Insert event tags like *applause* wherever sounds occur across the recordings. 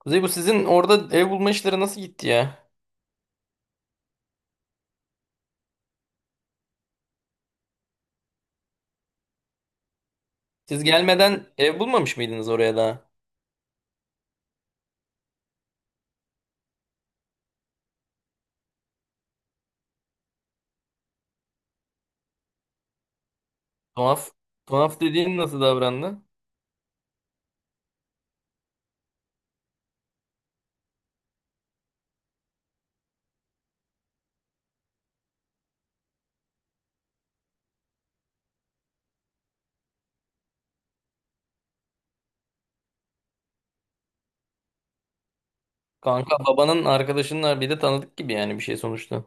Kuzey bu sizin orada ev bulma işleri nasıl gitti ya? Siz gelmeden ev bulmamış mıydınız oraya daha? Tuhaf. Tuhaf dediğin nasıl davrandı? Kanka babanın arkadaşının bir de tanıdık gibi yani bir şey sonuçta.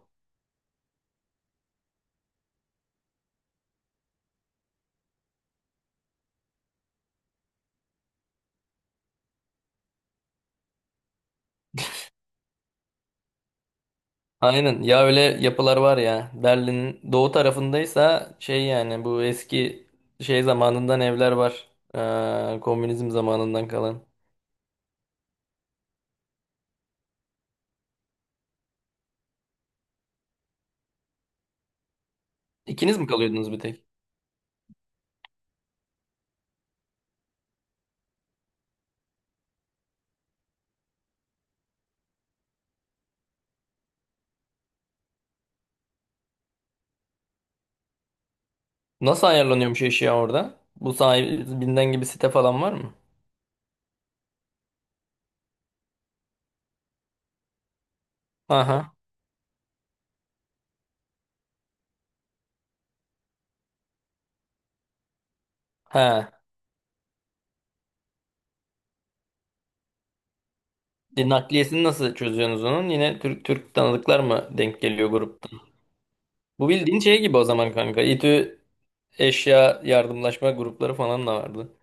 Aynen ya öyle yapılar var ya. Berlin'in doğu tarafındaysa şey yani bu eski şey zamanından evler var. Komünizm zamanından kalan. İkiniz mi kalıyordunuz bir tek? Nasıl ayarlanıyormuş eşya orada? Bu sahibinden gibi site falan var mı? Aha. He. Nakliyesini nasıl çözüyorsunuz onun? Yine Türk Türk tanıdıklar mı denk geliyor gruptan? Bu bildiğin şey gibi o zaman kanka. İTÜ eşya yardımlaşma grupları falan da vardı.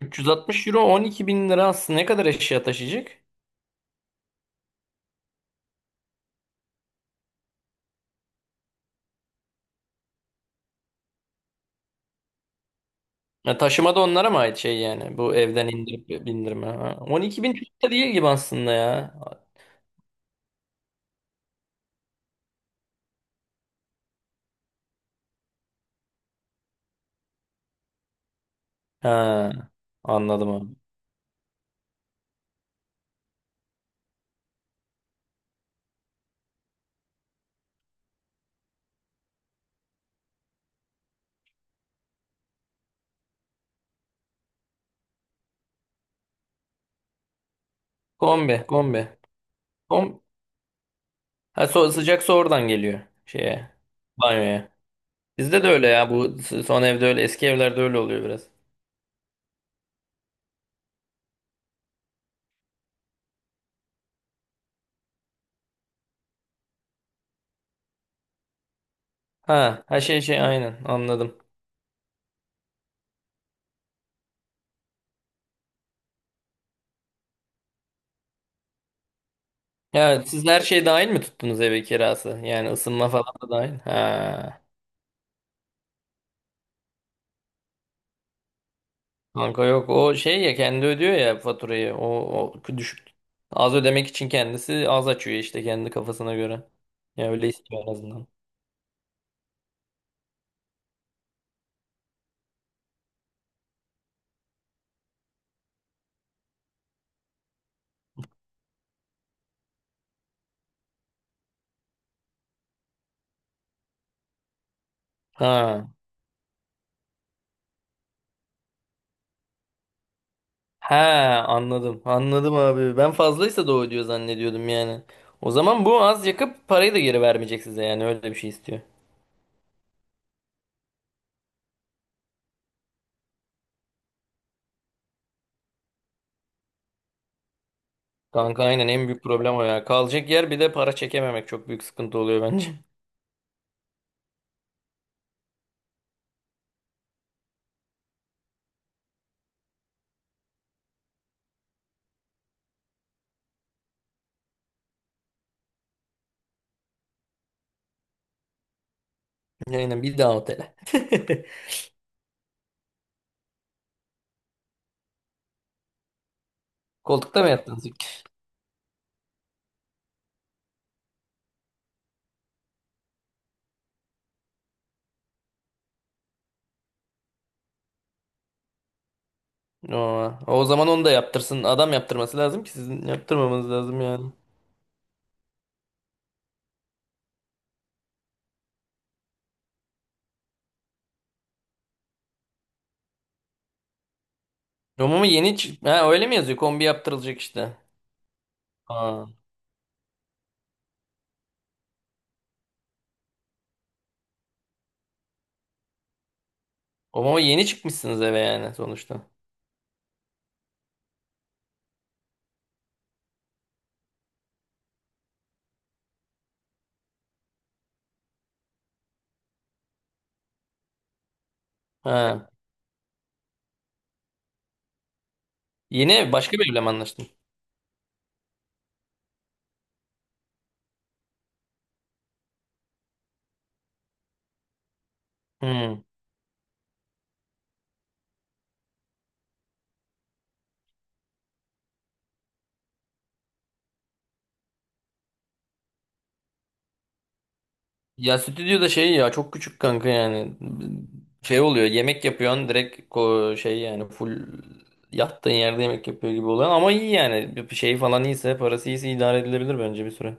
360 euro 12 bin lira aslında ne kadar eşya taşıyacak? Ya taşıma da onlara mı ait şey yani? Bu evden indirip bindirme. Ha. 12 bin çok da değil gibi aslında ya. Ha, anladım abi. Kombi, kombi. Kom ha, so sıcak su oradan geliyor şeye, banyoya. Bizde de öyle ya. Bu son evde öyle. Eski evlerde öyle oluyor biraz. Ha, her şey şey aynen anladım. Ya siz her şey dahil mi tuttunuz eve kirası? Yani ısınma falan da dahil. Ha. Kanka yok o şey ya kendi ödüyor ya faturayı. O düşük az ödemek için kendisi az açıyor işte kendi kafasına göre. Ya öyle istiyor en azından. Ha. Ha, anladım. Anladım abi. Ben fazlaysa da o ödüyor zannediyordum yani. O zaman bu az yakıp parayı da geri vermeyecek size yani öyle bir şey istiyor. Kanka aynen en büyük problem o ya. Kalacak yer bir de para çekememek çok büyük sıkıntı oluyor bence. *laughs* Aynen bir daha otele. *laughs* Koltukta mı yattınız? Aa, o zaman onu da yaptırsın. Adam yaptırması lazım ki sizin yaptırmamanız lazım yani. Romama yeni çık. Ha, öyle mi yazıyor? Kombi yaptırılacak işte. Aa. Romama yeni çıkmışsınız eve yani sonuçta. Ha. Yeni ev, başka bir evle mi anlaştın? Hmm. Ya stüdyoda şey ya çok küçük kanka yani. Şey oluyor yemek yapıyorsun direkt şey yani full yattığın yerde yemek yapıyor gibi oluyor ama iyi yani bir şey falan iyiyse parası iyiyse idare edilebilir bence bir süre.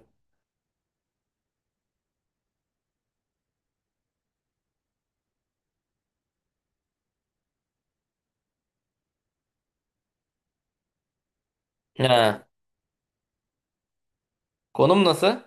Ha. Konum nasıl?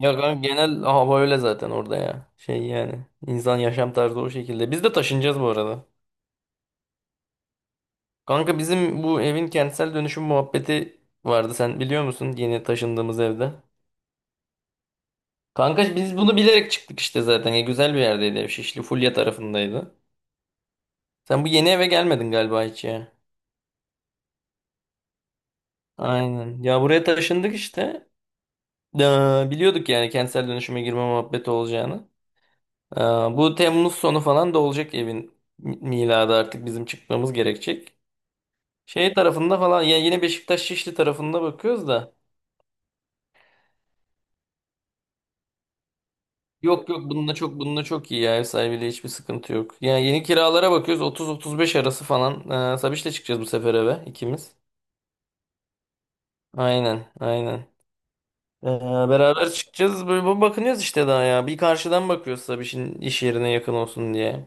Ya kanka genel hava öyle zaten orada ya. Şey yani, insan yaşam tarzı o şekilde. Biz de taşınacağız bu arada. Kanka bizim bu evin kentsel dönüşüm muhabbeti vardı. Sen biliyor musun yeni taşındığımız evde? Kanka biz bunu bilerek çıktık işte zaten. Ya güzel bir yerdeydi ev. Şişli Fulya tarafındaydı. Sen bu yeni eve gelmedin galiba hiç ya. Aynen. Ya buraya taşındık işte. Ee, Biliyorduk yani kentsel dönüşüme girme muhabbeti olacağını. Ee, Bu Temmuz sonu falan da olacak evin miladı artık bizim çıkmamız gerekecek. Şey tarafında falan yani yine Beşiktaş Şişli tarafında bakıyoruz da. Yok yok, bununla çok iyi ya, ev sahibiyle hiçbir sıkıntı yok. Yani yeni kiralara bakıyoruz 30-35 arası falan. Sabiş'le çıkacağız bu sefer eve ikimiz. Aynen aynen. Ee, Beraber çıkacağız böyle bakınıyoruz işte daha ya. Bir karşıdan bakıyoruz Sabiş'in iş yerine yakın olsun diye.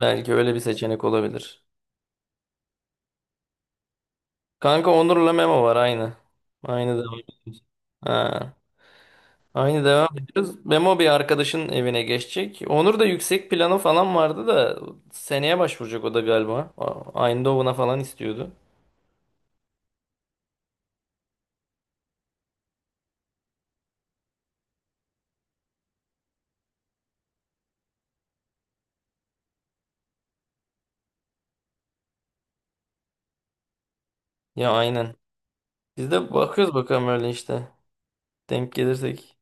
Belki öyle bir seçenek olabilir. Kanka Onur'la Memo var aynı. Aynı devam. Ha. Aynı devam ediyoruz. Memo bir arkadaşın evine geçecek. Onur da yüksek planı falan vardı da seneye başvuracak o da galiba. Aynı Doğu'na falan istiyordu. Ya aynen. Biz de bakıyoruz bakalım öyle işte. Denk gelirsek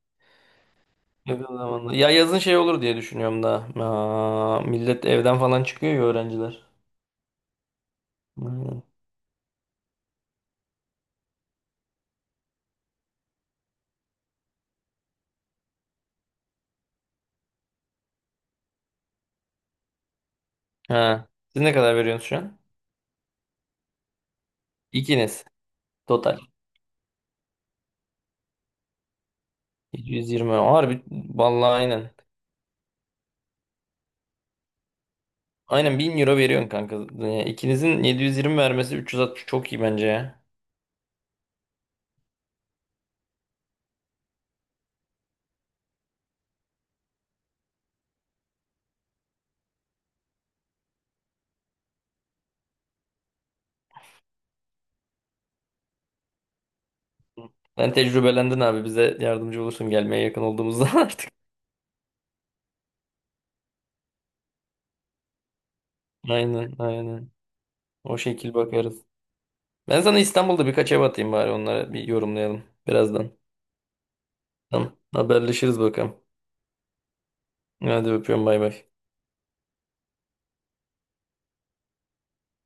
yakın zamanda. Ya yazın şey olur diye düşünüyorum da. Aa, millet evden falan çıkıyor ya öğrenciler. Aynen. Ha. Siz ne kadar veriyorsunuz şu an? İkiniz. Total. 720. Harbi. Vallahi aynen. Aynen 1000 euro veriyorsun kanka. Yani ikinizin 720 vermesi 360 çok iyi bence ya. Sen tecrübelendin abi bize yardımcı olursun gelmeye yakın olduğumuzda *laughs* artık. Aynen aynen. O şekil bakarız. Ben sana İstanbul'da birkaç ev atayım bari onlara bir yorumlayalım birazdan. Tamam haberleşiriz bakalım. Hadi öpüyorum bay bay.